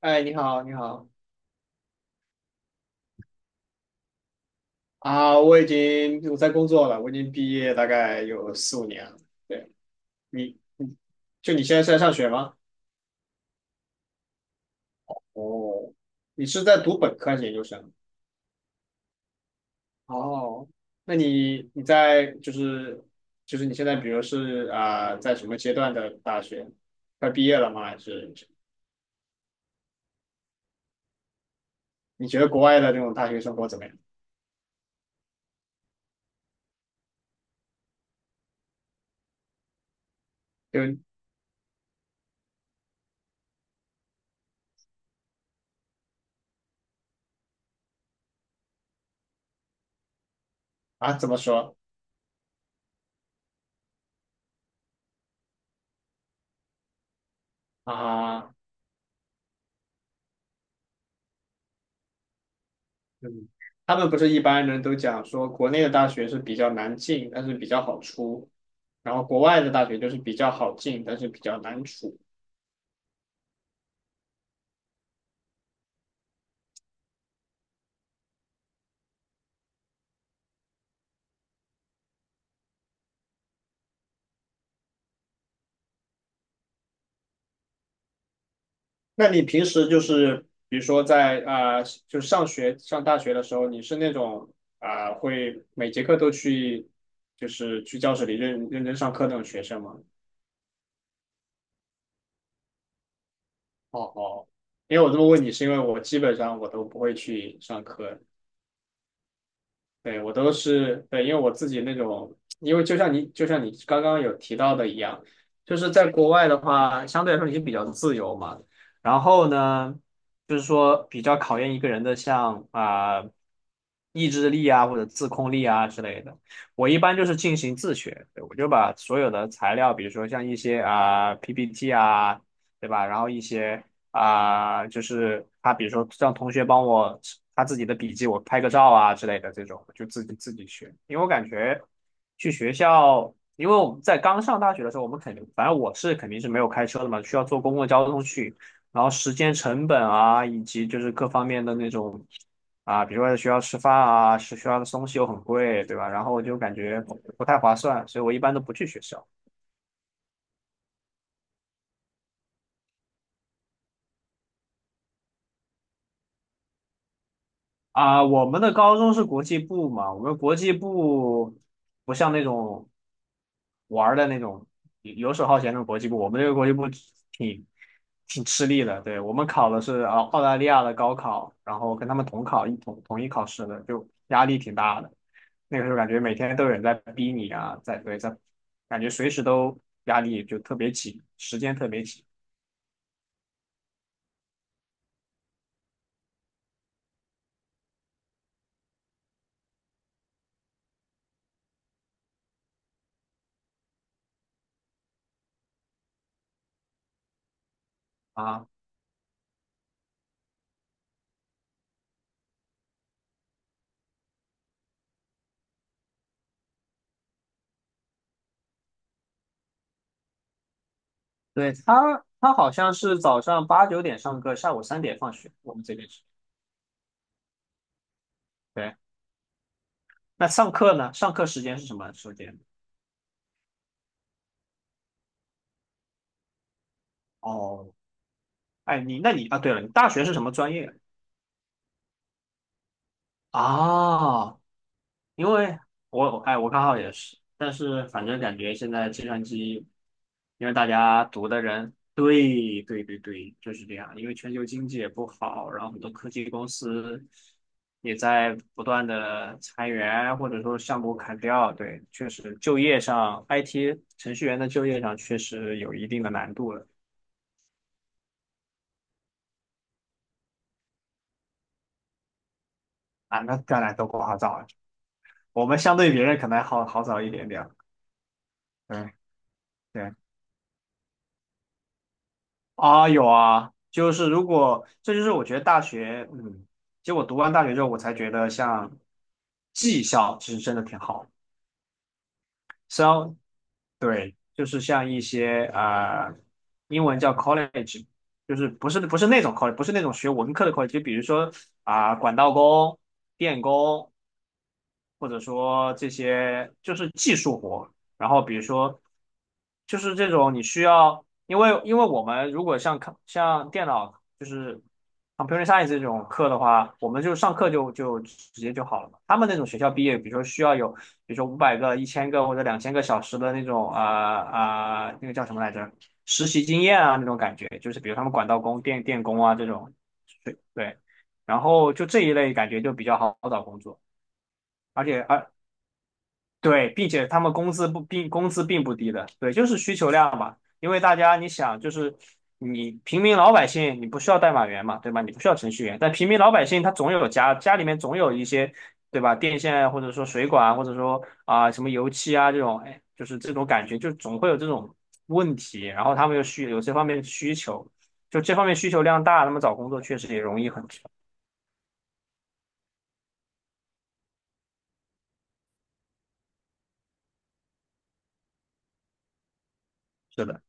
哎，你好，你好啊！我已经我在工作了，我已经毕业大概有4、5年了。对，你，你你现在是在上学吗？哦，你是在读本科还是研究生？哦，那你你在就是就是你现在比如是在什么阶段的大学？快毕业了吗？还是你觉得国外的那种大学生活怎么样？就怎么说啊？嗯，他们不是一般人都讲说，国内的大学是比较难进，但是比较好出，然后国外的大学就是比较好进，但是比较难出。那你平时就是，比如说在就上大学的时候，你是那种会每节课都去，就是去教室里认真上课那种学生吗？哦哦，因为我这么问你，是因为我基本上都不会去上课。对，我都是，对，因为我自己那种，因为就像你刚刚有提到的一样，就是在国外的话，相对来说你就比较自由嘛。然后呢，就是说比较考验一个人的像意志力啊或者自控力啊之类的。我一般就是进行自学。对，我就把所有的材料，比如说像一些PPT 啊，对吧？然后一些就是他比如说让同学帮我他自己的笔记，我拍个照啊之类的这种，就自己学。因为我感觉去学校，因为我们在刚上大学的时候，我们肯定，反正我是肯定是没有开车的嘛，需要坐公共交通去，然后时间成本啊，以及就是各方面的那种。啊，比如说在学校吃饭啊，是学校的东西又很贵，对吧？然后我就感觉不太划算，所以我一般都不去学校。啊，我们的高中是国际部嘛，我们国际部不像那种玩儿的那种游游手好闲的国际部，我们这个国际部挺挺吃力的。对，我们考的是澳大利亚的高考，然后跟他们同一考试的，就压力挺大的。那个时候感觉每天都有人在逼你啊，在对在，感觉随时都压力就特别紧，时间特别紧啊。对。他好像是早上8、9点上课，下午3点放学，我们这边是。对。那上课呢？上课时间是什么时间？哦，哎，你那你啊，对了，你大学是什么专业啊？因为我刚好也是，但是反正感觉现在计算机，因为大家读的人，对对对对，就是这样。因为全球经济也不好，然后很多科技公司也在不断的裁员，或者说项目砍掉。对，确实就业上，IT 程序员的就业上确实有一定的难度了。啊，那当然都不好找，我们相对别人可能还好找一点点。对对啊，有啊，就是如果这就是我觉得大学，其实我读完大学之后，我才觉得像技校其实真的挺好。虽然对，就是像一些英文叫 college，就是不是那种 college，不是那种学文科的 college，就比如说啊、管道工、电工。或者说这些就是技术活。然后比如说，就是这种你需要，因为我们如果像电脑就是 computer science 这种课的话，我们就上课就直接就好了嘛。他们那种学校毕业，比如说需要有，比如说500个、1000个或者2000个小时的那种那个叫什么来着？实习经验啊那种感觉，就是比如他们管道工、电工啊这种，对对。然后就这一类感觉就比较好找工作，而且而对，并且他们工资并不低的，对，就是需求量嘛。因为大家你想，就是你平民老百姓，你不需要代码员嘛，对吧？你不需要程序员，但平民老百姓他总有家里面总有一些，对吧？电线啊或者说水管啊或者说啊、什么油漆啊这种，哎，就是这种感觉，就总会有这种问题。然后他们又需有这方面的需求，就这方面需求量大，他们找工作确实也容易很多。是的，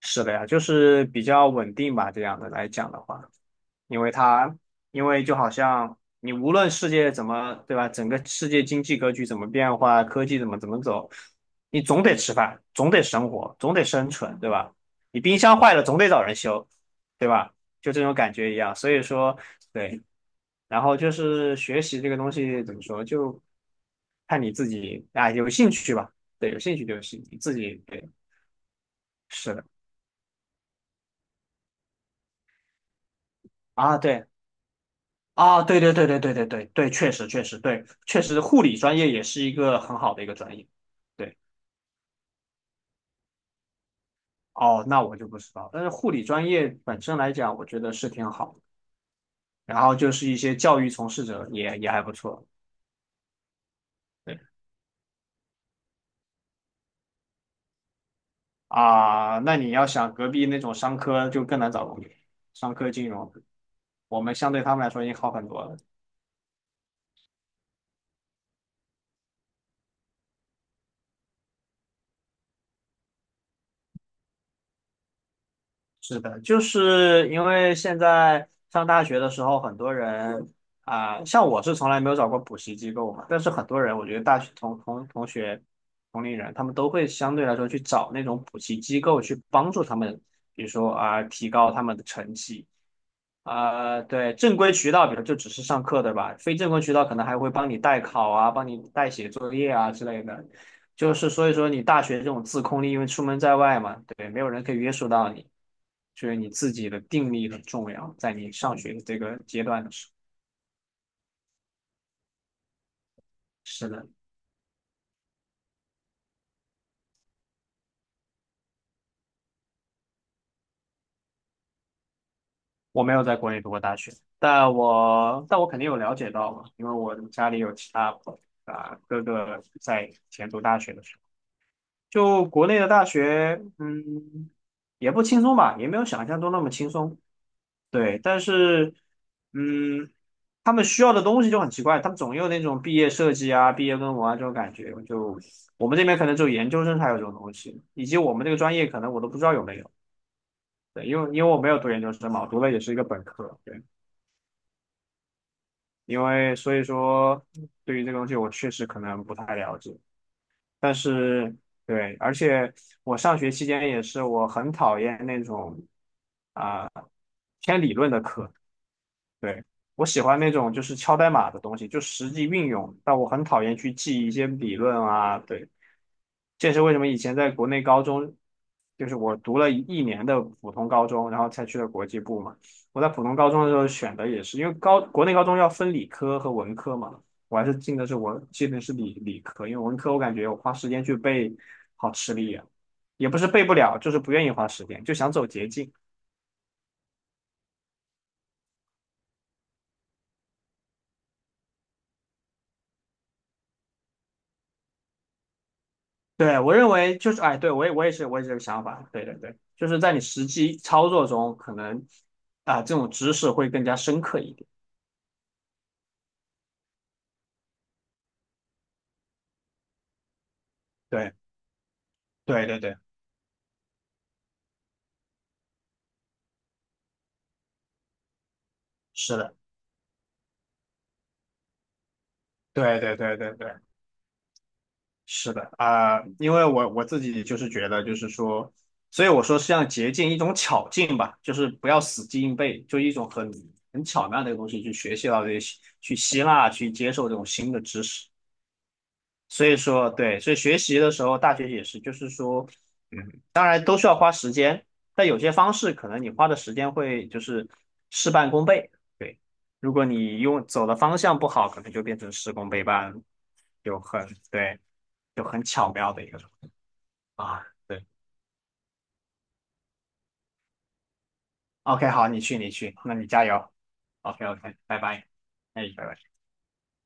是的呀，就是比较稳定吧，这样的来讲的话。因为它，因为就好像你无论世界怎么，对吧？整个世界经济格局怎么变化，科技怎么走，你总得吃饭，总得生活，总得生存，对吧？你冰箱坏了总得找人修，对吧？就这种感觉一样。所以说，对，然后就是学习这个东西怎么说，就看你自己啊，有兴趣吧。对，有兴趣就行，你自己对，是的啊，对。啊，对对对对对对对对，确实确实对，确实护理专业也是一个很好的一个专业。对，哦，那我就不知道。但是护理专业本身来讲，我觉得是挺好的。然后就是一些教育从事者也还不错。对啊，那你要想隔壁那种商科就更难找工作，商科金融，我们相对他们来说已经好很多了。是的，就是因为现在上大学的时候，很多人啊、像我是从来没有找过补习机构嘛，但是很多人，我觉得大学同学、同龄人，他们都会相对来说去找那种补习机构去帮助他们，比如说啊、提高他们的成绩，啊、对，正规渠道，比如就只是上课，对吧？非正规渠道可能还会帮你代考啊，帮你代写作业啊之类的。就是所以说，你大学这种自控力，因为出门在外嘛，对，没有人可以约束到你，所以你自己的定力很重要，在你上学的这个阶段的时候。是的，我没有在国内读过大学，但我肯定有了解到嘛，因为我家里有其他啊哥哥在以前读大学的时候。就国内的大学，也不轻松吧，也没有想象中那么轻松。对，但是，嗯，他们需要的东西就很奇怪，他们总有那种毕业设计啊、毕业论文啊这种感觉。就我们这边可能只有研究生才有这种东西，以及我们这个专业可能我都不知道有没有。对，因为我没有读研究生嘛，我读的也是一个本科。对，因为所以说对于这个东西我确实可能不太了解。但是对，而且我上学期间也是，我很讨厌那种啊、偏理论的课，对，我喜欢那种就是敲代码的东西，就实际运用，但我很讨厌去记一些理论啊。对，这也是为什么以前在国内高中，就是我读了一年的普通高中，然后才去了国际部嘛。我在普通高中的时候选的也是，因为高国内高中要分理科和文科嘛，我还是进的是理科，因为文科我感觉我花时间去背好吃力啊，也不是背不了，就是不愿意花时间，就想走捷径。对，我认为就是，哎，对，我也是这个想法，对对对，就是在你实际操作中，可能这种知识会更加深刻一点。对对对对，是的，对对对对对，是的因为我自己就是觉得就是说，所以我说是像捷径一种巧劲吧，就是不要死记硬背，就一种很巧妙的一个东西去学习到这些，去吸纳去接受这种新的知识。所以说，对，所以学习的时候，大学也是，就是说，当然都需要花时间，但有些方式可能你花的时间会就是事半功倍。对，如果你用走的方向不好，可能就变成事功倍半，就很对，就很巧妙的一个啊。对，OK，好，你去，你去，那你加油。OK，OK，拜拜。哎，拜拜。